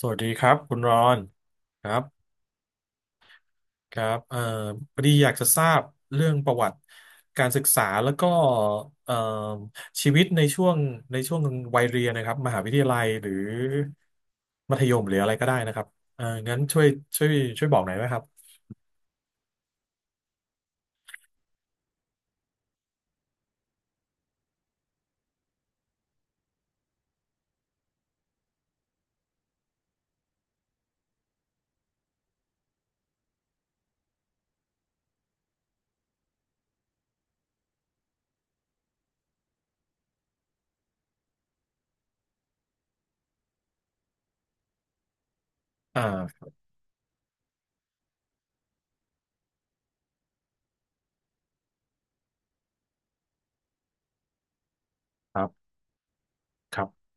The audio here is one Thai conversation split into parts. สวัสดีครับคุณรอนครับครับพอดีอยากจะทราบเรื่องประวัติการศึกษาแล้วก็เอ่อชีวิตในช่วงในช่วงวัยเรียนนะครับมหาวิทยาลัยหรือมัธยมหรืออะไรก็ได้นะครับเอ่องั้นช่วยช่วยบอกหน่อยไหมครับอ่าครับครับ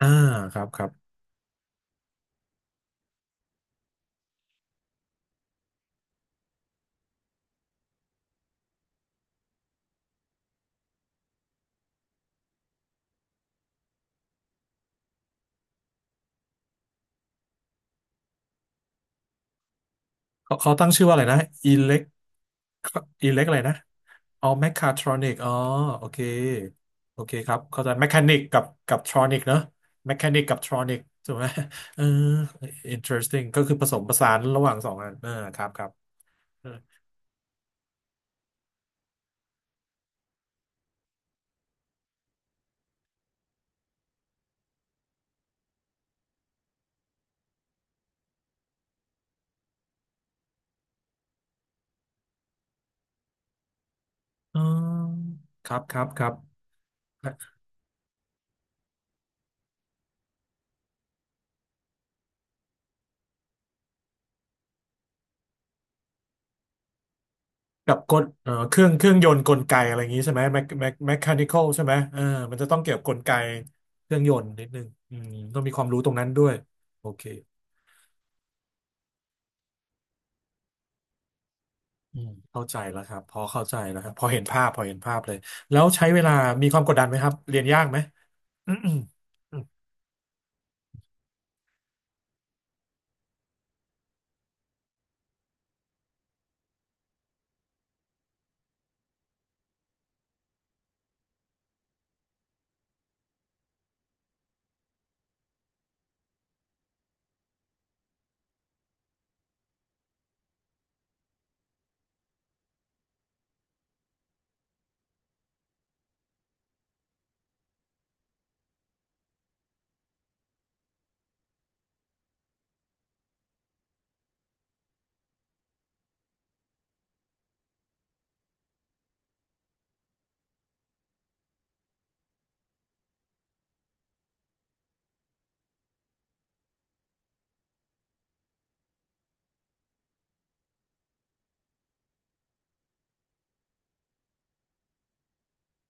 อ่าครับครับ เขาตั้งชื่อว่าอะไรนะอิเล็กอิเล็กอะไรนะอ๋อแมคคาทรอนิกอ๋อโอเคโอเคครับเข้าใจแมคานิกกับทรอนิกเนอะแมคานิกกับทรอนิกถูกไหม เออ interesting ก็คือผสมผสานระหว่างสองอันเออครับครับเอออ๋อครับครับครับกับกลเครื่องยนต์กลไกอะไรอย่างนี้ใช่ไหมแมคคานิคอลใช่ไหมเออมันจะต้องเกี่ยวกับกลไกเครื่องยนต์นิดนึงอืมต้องมีความรู้ตรงนั้นด้วยโอเค อืมเข้าใจแล้วครับพอเข้าใจแล้วครับพอเห็นภาพพอเห็นภาพเลยแล้วใช้เวลามีความกดดันไหมครับเรียนยากไหมอืมอืม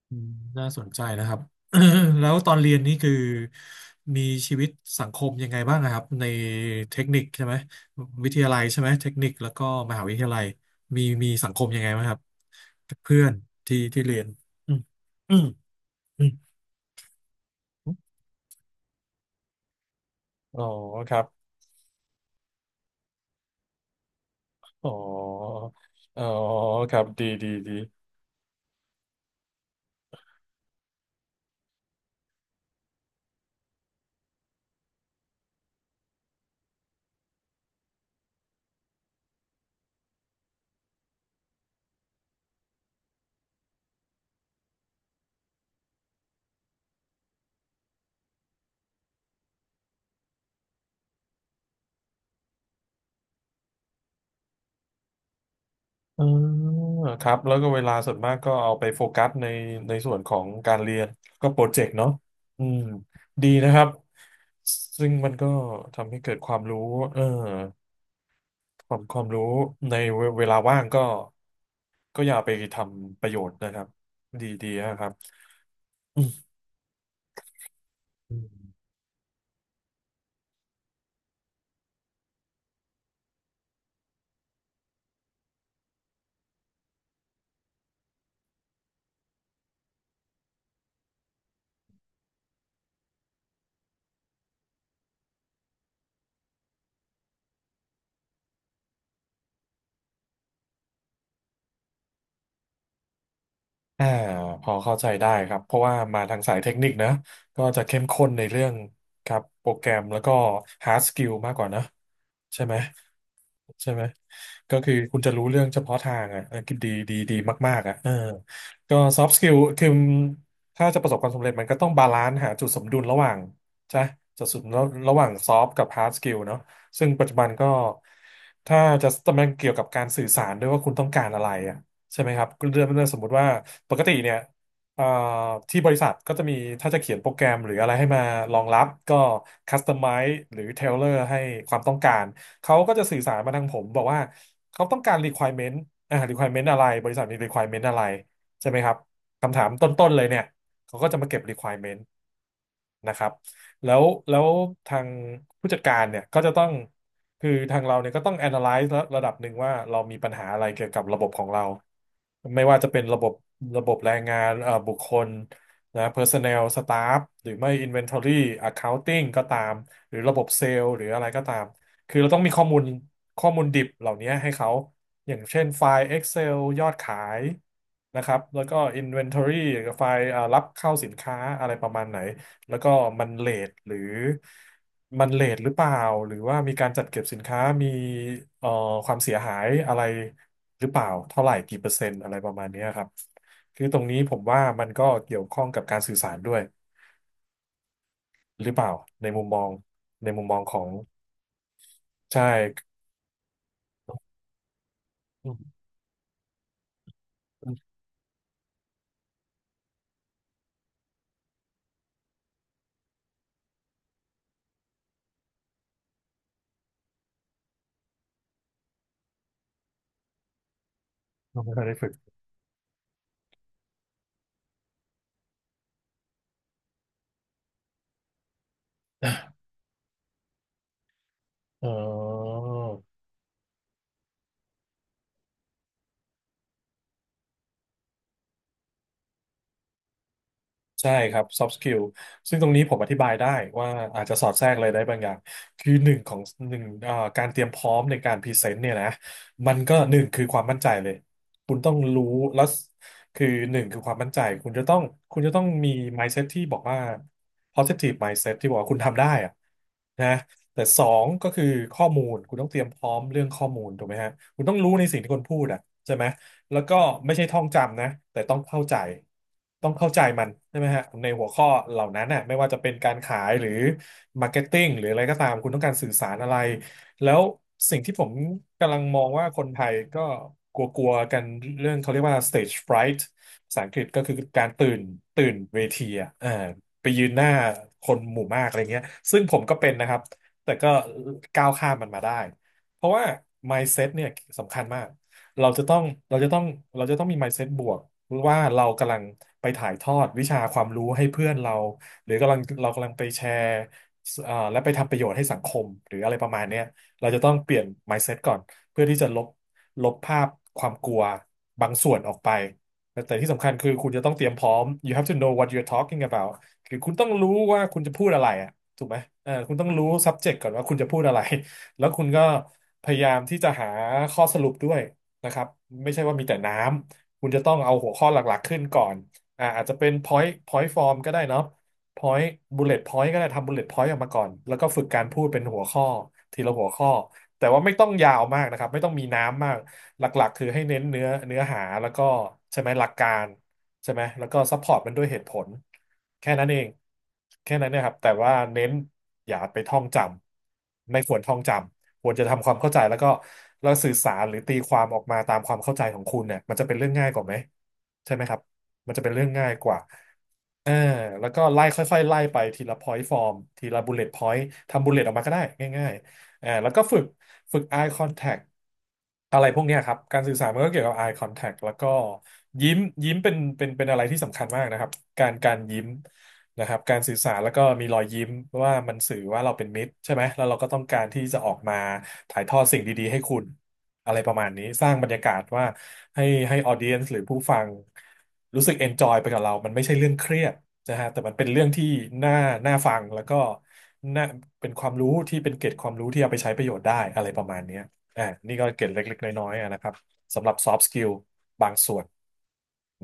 อืมน่าสนใจนะครับ แล้วตอนเรียนนี่คือมีชีวิตสังคมยังไงบ้างอะครับในเทคนิคใช่ไหมวิทยาลัยใช่ไหมเทคนิคแล้วก็มหาวิทยาลัยมีสังคมยังไงบ้างครับเพื่อนที่เรียนอืมอืมอืมอ๋อครับอ๋ออ๋อครับดีดีดี เออครับแล้วก็เวลาส่วนมากก็เอาไปโฟกัสในในส่วนของการเรียนก็โปรเจกต์เนาะอืมดีนะครับซึ่งมันก็ทำให้เกิดความรู้เออความความรู้ในเวเวลาว่างก็ก็อย่าไปทำประโยชน์นะครับดีดีนะครับอืม อ่าพอเข้าใจได้ครับเพราะว่ามาทางสายเทคนิคนะก็จะเข้มข้นในเรื่องครับโปรแกรมแล้วก็ hard skill มากกว่านะใช่ไหมใช่ไหมก็คือคุณจะรู้เรื่องเฉพาะทางอ่ะเออดีดีดีมากๆอ่ะเออก็ soft skill คือถ้าจะประสบความสำเร็จมันก็ต้องบาลานซ์หาจุดสมดุลระหว่างใช่จุดสมดุลระหว่าง soft กับ hard skill เนาะซึ่งปัจจุบันก็ถ้าจะมันเกี่ยวกับการสื่อสารด้วยว่าคุณต้องการอะไรอ่ะ ใช่ไหมครับเรื่องสมมติว่าปกติเนี่ยเอ่อที่บริษัทก็จะมีถ้าจะเขียนโปรแกรมหรืออะไรให้มารองรับก็คัสตอ m i ไ e หรือเทเลอร์ให้ความต้องการเขาก็จะสื่อสารมาทางผมบอกว่าเขาต้องการ requirement อ่า requirement อะไรบริษัทมี requirement อะไรใช่ไหมครับคำถามต้นๆเลยเนี่ยเขาก็จะมาเก็บ requirement นะครับ แล้วแล้วทางผู้จัดการเนี่ยก็จะต้อง คือทางเราเนี่ยก็ต้อง analyze ระดับหนึ่งว่าเรามีปัญหาอะไรเกี่ยวกับระบบของเรา ไม่ว่าจะเป็นระบบแรงงานบุคคลนะ personnel staff หรือไม่ inventory accounting ก็ตาม หรือระบบเซลล์หรืออะไรก็ตาม คือเราต้องมีข้อมูลดิบเหล่านี้ให้เขา อย่างเช่นไฟล์ Excel ยอดขายนะครับแล้วก็ Inventory ไฟล์รับเข้าสินค้าอะไรประมาณไหน แล้วก็มันเลทหรือมันเลทหรือเปล่าหรือว่ามีการจัดเก็บสินค้ามีเอ่อความเสียหายอะไรหรือเปล่าเท่าไหร่กี่เปอร์เซ็นต์อะไรประมาณเนี้ยครับคือตรงนี้ผมว่ามันก็เกี่ยวข้องกับการสื่อสารด้วยหรือเปล่าในมุมมองในมุมมองของใช่อืมอืมเราไม่ค่อยได้ฝึกเออ ใช่ครับ soft skill ซึ่งตรงนี้ผมอธิบายได้ว่าอาจจะสอดแทรกอะไรได้บางอย่างคือหนึ่งของหนึ่งการเตรียมพร้อมในการพรีเซนต์เนี่ยนะมันก็หนึ่งคือความมั่นใจเลยคุณต้องรู้แล้วคือหนึ่งคือความมั่นใจคุณจะต้องคุณจะต้องมี mindset ที่บอกว่า positive mindset ที่บอกว่าคุณทำได้อะนะ แต่สองก็คือข้อมูลคุณต้องเตรียมพร้อมเรื่องข้อมูลถูกไหมฮะคุณต้องรู้ในสิ่งที่คนพูดอ่ะใช่ไหมแล้วก็ไม่ใช่ท่องจำนะแต่ต้องเข้าใจต้องเข้าใจมันใช่ไหมฮะในหัวข้อเหล่านั้นน่ะไม่ว่าจะเป็นการขายหรือมาร์เก็ตติ้งหรืออะไรก็ตามคุณต้องการสื่อสารอะไรแล้วสิ่งที่ผมกำลังมองว่าคนไทยก็กลัวๆกันเรื่องเขาเรียกว่า stage fright ภาษาอังกฤษก็คือการตื่นเวทีอ่ะเออไปยืนหน้าคนหมู่มากอะไรเงี้ยซึ่งผมก็เป็นนะครับ แต่ก็ก้าวข้ามมันมาได้ เพราะว่า mindset เนี่ยสำคัญมากเราจะต้องเราจะต้องเราจะต้องมี mindset บวกว่าเรากำลังไปถ่ายทอดวิชาความรู้ให้เพื่อนเรา หรือกำลังเรากำลังไปแชร์และไปทำประโยชน์ให้สังคม หรืออะไรประมาณเนี้ยเราจะต้องเปลี่ยน mindset ก่อน เพื่อที่จะลบภาพความกลัวบางส่วนออกไป แต่ที่สำคัญคือคุณจะต้องเตรียมพร้อม you have to know what you're talking about คือคุณต้องรู้ว่าคุณจะพูดอะไรอะ ถูกไหมเออคุณต้องรู้ subject ก่อนว่าคุณจะพูดอะไร แล้วคุณก็พยายามที่จะหาข้อสรุปด้วยนะครับไม่ใช่ว่ามีแต่น้ำ คุณจะต้องเอาหัวข้อหลักๆขึ้นก่อนอ่าอาจจะเป็น point form ก็ได้เนาะ point bullet point ก็ได้ทำ bullet point ออกมาก่อน แล้วก็ฝึกการพูดเป็นหัวข้อทีละหัวข้อ แต่ว่าไม่ต้องยาวมากนะครับไม่ต้องมีน้ำมาก หลักๆคือให้เน้นเนื้อหาแล้วก็ใช่ไหมหลักการ ใช่ไหมแล้วก็ซัพพอร์ตมันด้วยเหตุผลแค่นั้นเองแค่นั้นเนะครับแต่ว่าเน้นอย่าไปท่องจำไม่ควรท่องจำควรจะทำความเข้าใจแล้วก็แล้วสื่อสารหรือตีความออกมาตามความเข้าใจของคุณเนี่ยมันจะเป็นเรื่องง่ายกว่าไหมใช่ไหมครับมันจะเป็นเรื่องง่ายกว่า อ่าแล้วก็ไล่ค่อยๆไล่ไปทีละ point form ทีละ bullet point ทำ bullet ออกมาก็ได้ง่ายๆอ่าแล้วก็ฝึก eye contact อะไรพวกเนี้ยครับการสื่อสารมันก็เกี่ยวกับ eye contact แล้วก็ยิ้มยิ้มเป็นอะไรที่สำคัญมากนะครับการยิ้มนะครับการสื่อสารแล้วก็มีรอยยิ้มว่ามันสื่อว่าเราเป็นมิตรใช่ไหมแล้วเราก็ต้องการที่จะออกมาถ่ายทอดสิ่งดีๆให้คุณ อะไรประมาณนี้สร้างบรรยากาศว่าให้ให้ออเดียนหรือผู้ฟังรู้สึกเอนจอยไปกับเรา มันไม่ใช่เรื่องเครียดนะฮะแต่มันเป็นเรื่องที่น่าน่าฟังแล้วก็น่าเป็นความรู้ที่เป็นเกร็ดความรู้ที่เอาไปใช้ประโยชน์ได้อะไรประมาณเนี้ยอ่านี่ก็เกร็ดเล็กๆน้อยๆอะนะครับสำหรับซอฟต์สกิลบางส่วน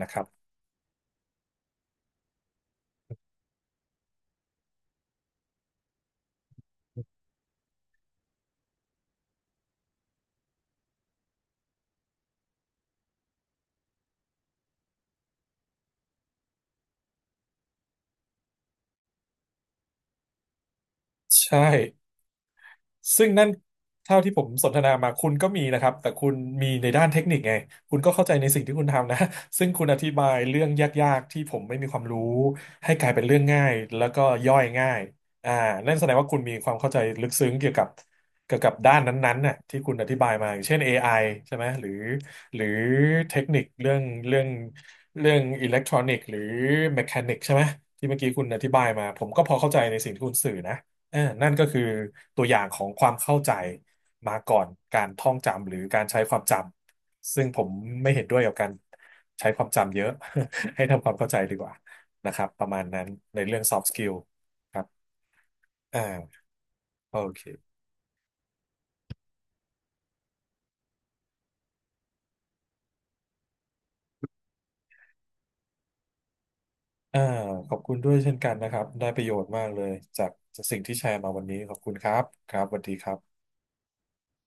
นะครับใช่ ซึ่งนั่นเท่าที่ผมสนทนามาคุณก็มีนะครับแต่คุณมีในด้านเทคนิคไงคุณก็เข้าใจในสิ่งที่คุณทำนะซึ่งคุณอธิบายเรื่องยากๆที่ผมไม่มีความรู้ให้กลายเป็นเรื่องง่ายแล้วก็ย่อยง่ายอ่านั่นแสดงว่าคุณมีความเข้าใจลึกซึ้งเกี่ยวกับด้านนั้นๆน่ะที่คุณอธิบายมาอย่างเช่น AI ใช่ไหมหรือเทคนิคเรื่องอิเล็กทรอนิกส์หรือแมคานิกใช่ไหมที่เมื่อกี้คุณอธิบายมาผมก็พอเข้าใจในสิ่งที่คุณสื่อนะ เออนั่นก็คือตัวอย่างของความเข้าใจมาก่อนการท่องจำหรือการใช้ความจำซึ่งผมไม่เห็นด้วยกับการใช้ความจำเยอะ ให้ทำความเข้าใจดีกว่านะครับประมาณนั้นในเรื่อง soft skill ครับอ่าโอเคอ่าขอบคุณด้วยเช่นกันนะครับได้ประโยชน์มากเลยจากสิ่งที่แชร์มาวันนี้ขอบคุณครับครับสวัสดีครับ